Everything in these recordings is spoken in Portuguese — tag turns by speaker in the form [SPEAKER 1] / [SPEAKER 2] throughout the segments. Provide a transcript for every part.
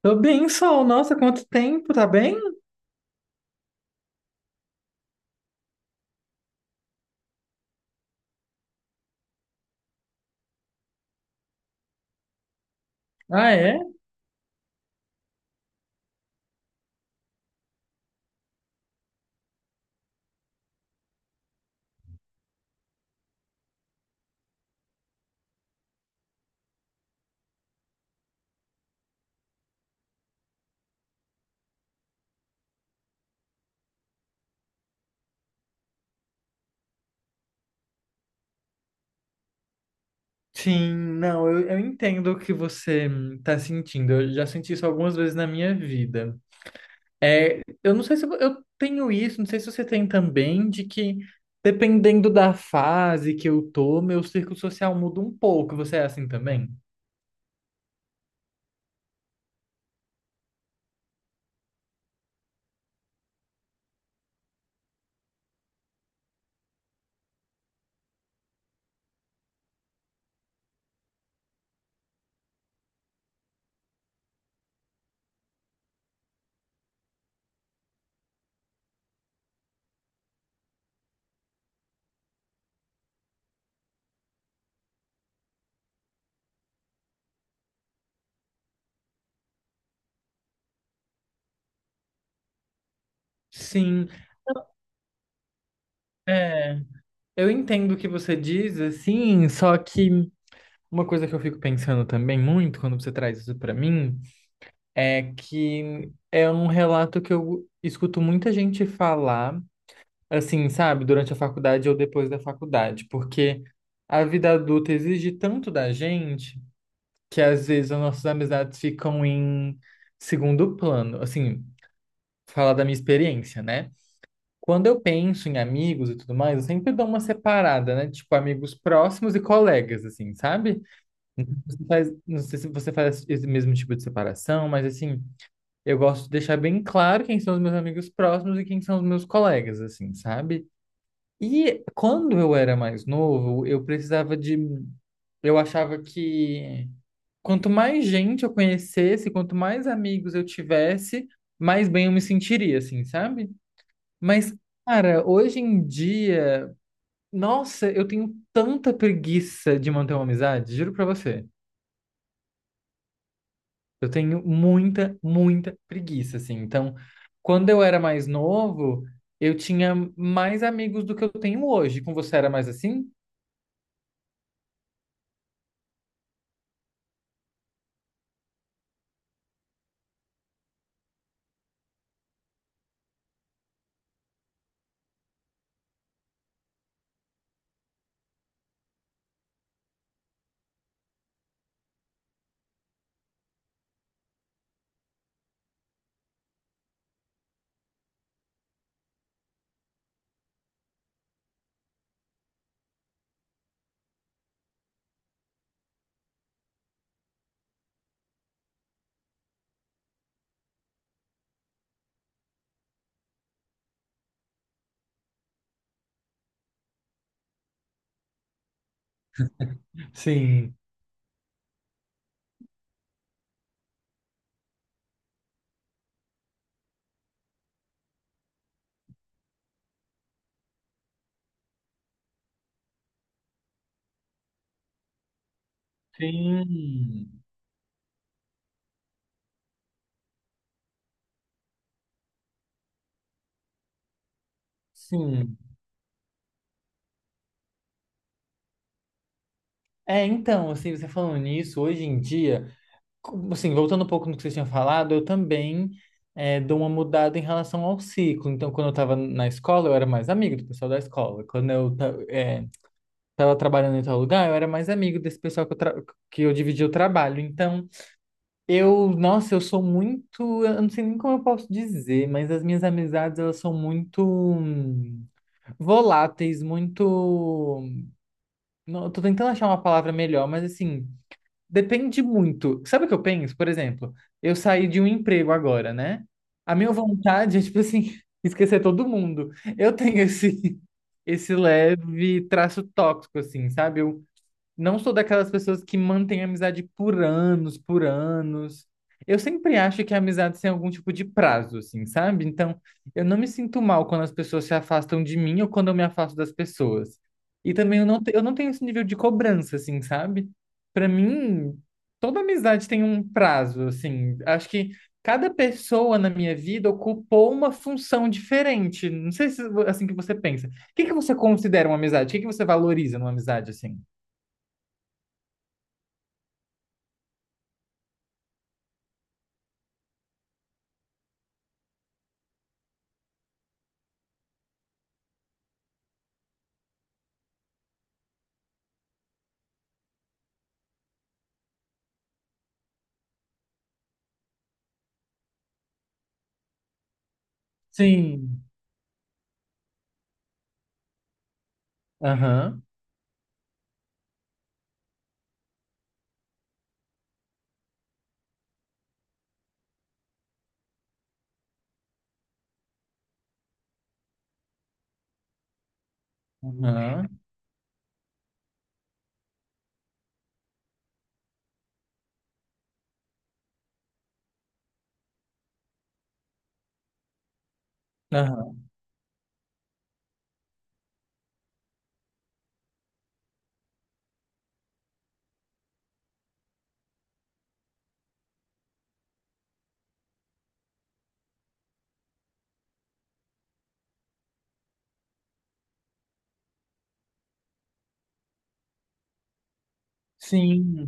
[SPEAKER 1] Tô bem, Sol. Nossa, quanto tempo, tá bem? Ah, é? Sim, não, eu entendo o que você tá sentindo. Eu já senti isso algumas vezes na minha vida. É, eu não sei se eu tenho isso, não sei se você tem também, de que dependendo da fase que eu tô, meu círculo social muda um pouco. Você é assim também? Sim, é. Eu entendo o que você diz, assim, só que uma coisa que eu fico pensando também muito quando você traz isso pra mim é que é um relato que eu escuto muita gente falar, assim, sabe, durante a faculdade ou depois da faculdade, porque a vida adulta exige tanto da gente que às vezes as nossas amizades ficam em segundo plano. Assim, falar da minha experiência, né? Quando eu penso em amigos e tudo mais, eu sempre dou uma separada, né? Tipo, amigos próximos e colegas, assim, sabe? Você faz, não sei se você faz esse mesmo tipo de separação, mas assim, eu gosto de deixar bem claro quem são os meus amigos próximos e quem são os meus colegas, assim, sabe? E quando eu era mais novo, eu precisava de. Eu achava que quanto mais gente eu conhecesse, quanto mais amigos eu tivesse, mais bem eu me sentiria, assim, sabe? Mas, cara, hoje em dia, nossa, eu tenho tanta preguiça de manter uma amizade, juro pra você. Eu tenho muita, muita preguiça, assim. Então, quando eu era mais novo, eu tinha mais amigos do que eu tenho hoje. Com você era mais assim? Sim. Sim, sim. É, então, assim, você falando nisso, hoje em dia, assim, voltando um pouco no que você tinha falado, eu também, é, dou uma mudada em relação ao ciclo. Então, quando eu estava na escola, eu era mais amigo do pessoal da escola. Quando eu é, tava trabalhando em tal lugar, eu era mais amigo desse pessoal que eu, que eu dividia o trabalho. Então, eu, nossa, eu sou muito, eu não sei nem como eu posso dizer, mas as minhas amizades, elas são muito voláteis, muito, não, eu tô tentando achar uma palavra melhor, mas assim, depende muito. Sabe o que eu penso? Por exemplo, eu saí de um emprego agora, né? A minha vontade é, tipo assim, esquecer todo mundo. Eu tenho esse, esse leve traço tóxico, assim, sabe? Eu não sou daquelas pessoas que mantêm amizade por anos, por anos. Eu sempre acho que a amizade tem algum tipo de prazo, assim, sabe? Então, eu não me sinto mal quando as pessoas se afastam de mim ou quando eu me afasto das pessoas. E também eu não, eu não tenho esse nível de cobrança, assim, sabe? Pra mim, toda amizade tem um prazo, assim. Acho que cada pessoa na minha vida ocupou uma função diferente. Não sei se é assim que você pensa. O que que você considera uma amizade? O que que você valoriza numa amizade, assim? Sim. Aham. Aham. Aham. Sim.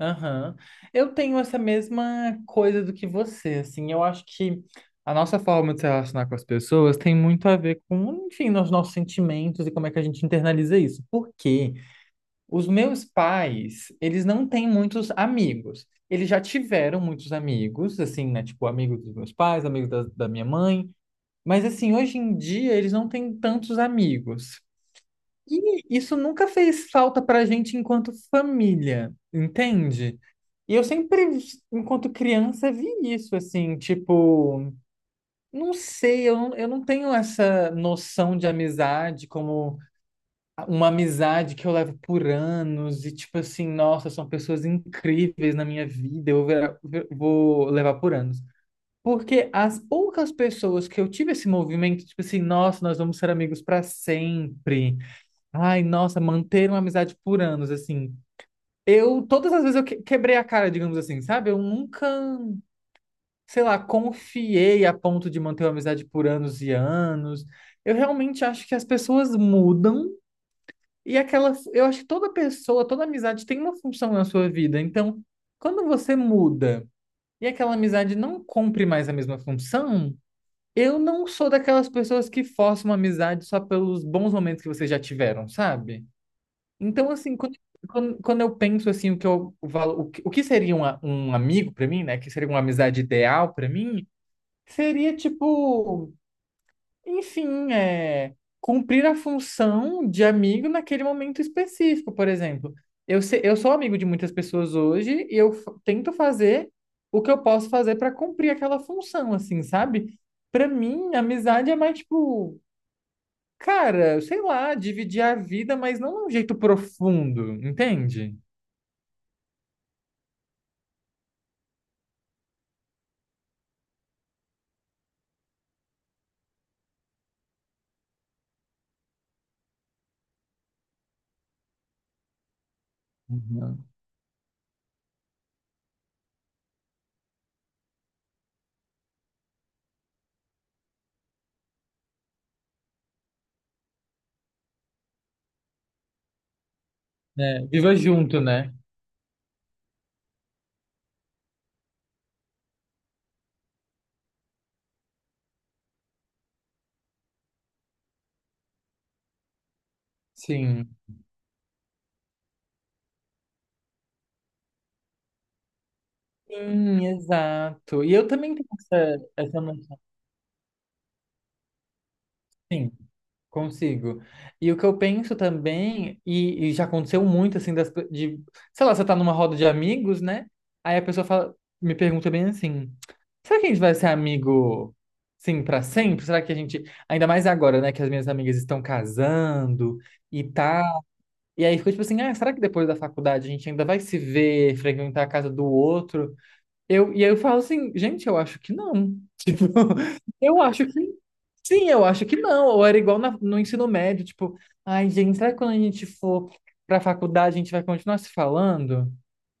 [SPEAKER 1] Aham. Eu tenho essa mesma coisa do que você, assim. Eu acho que a nossa forma de se relacionar com as pessoas tem muito a ver com, enfim, os nossos sentimentos e como é que a gente internaliza isso. Porque os meus pais, eles não têm muitos amigos. Eles já tiveram muitos amigos, assim, né? Tipo, amigos dos meus pais, amigos da, da minha mãe. Mas, assim, hoje em dia, eles não têm tantos amigos. E isso nunca fez falta pra gente enquanto família, entende? E eu sempre, enquanto criança, vi isso, assim, tipo, não sei, eu não tenho essa noção de amizade como uma amizade que eu levo por anos e, tipo assim, nossa, são pessoas incríveis na minha vida, eu vou levar por anos. Porque as poucas pessoas que eu tive esse movimento, tipo assim, nossa, nós vamos ser amigos para sempre. Ai, nossa, manter uma amizade por anos, assim. Eu, todas as vezes eu quebrei a cara, digamos assim, sabe? Eu nunca, sei lá, confiei a ponto de manter uma amizade por anos e anos. Eu realmente acho que as pessoas mudam e aquela, eu acho que toda pessoa, toda amizade tem uma função na sua vida. Então, quando você muda e aquela amizade não cumpre mais a mesma função, eu não sou daquelas pessoas que forçam uma amizade só pelos bons momentos que vocês já tiveram, sabe? Então, assim, quando eu penso assim, o que eu o que seria um, um amigo para mim, né? Que seria uma amizade ideal para mim, seria tipo, enfim, é, cumprir a função de amigo naquele momento específico, por exemplo. Eu, eu sou amigo de muitas pessoas hoje e eu tento fazer o que eu posso fazer para cumprir aquela função, assim, sabe? Para mim, amizade é mais tipo, cara, sei lá, dividir a vida, mas não de um jeito profundo, entende? Uhum. É, viva junto, né? Sim. Sim, exato. E eu também tenho essa, essa noção, sim, consigo. E o que eu penso também, e já aconteceu muito, assim, sei lá, você tá numa roda de amigos, né? Aí a pessoa fala, me pergunta bem assim, será que a gente vai ser amigo, sim, pra sempre? Será que a gente, ainda mais agora, né, que as minhas amigas estão casando e tal. E aí ficou tipo assim, ah, será que depois da faculdade a gente ainda vai se ver, frequentar a casa do outro? Eu, e aí eu falo assim, gente, eu acho que não. Tipo, eu acho que sim, eu acho que não. Ou era igual no ensino médio, tipo, ai, gente, será que quando a gente for pra faculdade a gente vai continuar se falando?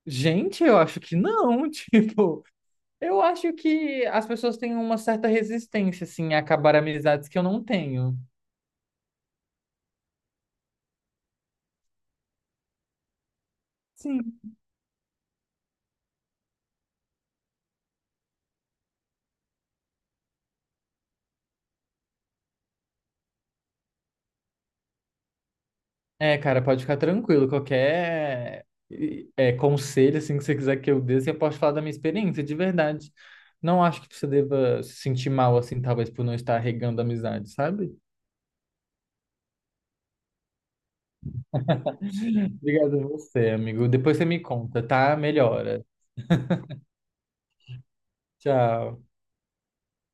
[SPEAKER 1] Gente, eu acho que não. Tipo, eu acho que as pessoas têm uma certa resistência, assim, a acabar amizades que eu não tenho. Sim. É, cara, pode ficar tranquilo. Qualquer é, conselho assim que você quiser que eu dê, você pode falar da minha experiência, de verdade. Não acho que você deva se sentir mal assim, talvez por não estar regando amizade, sabe? Obrigado a você, amigo. Depois você me conta, tá? Melhora. Tchau.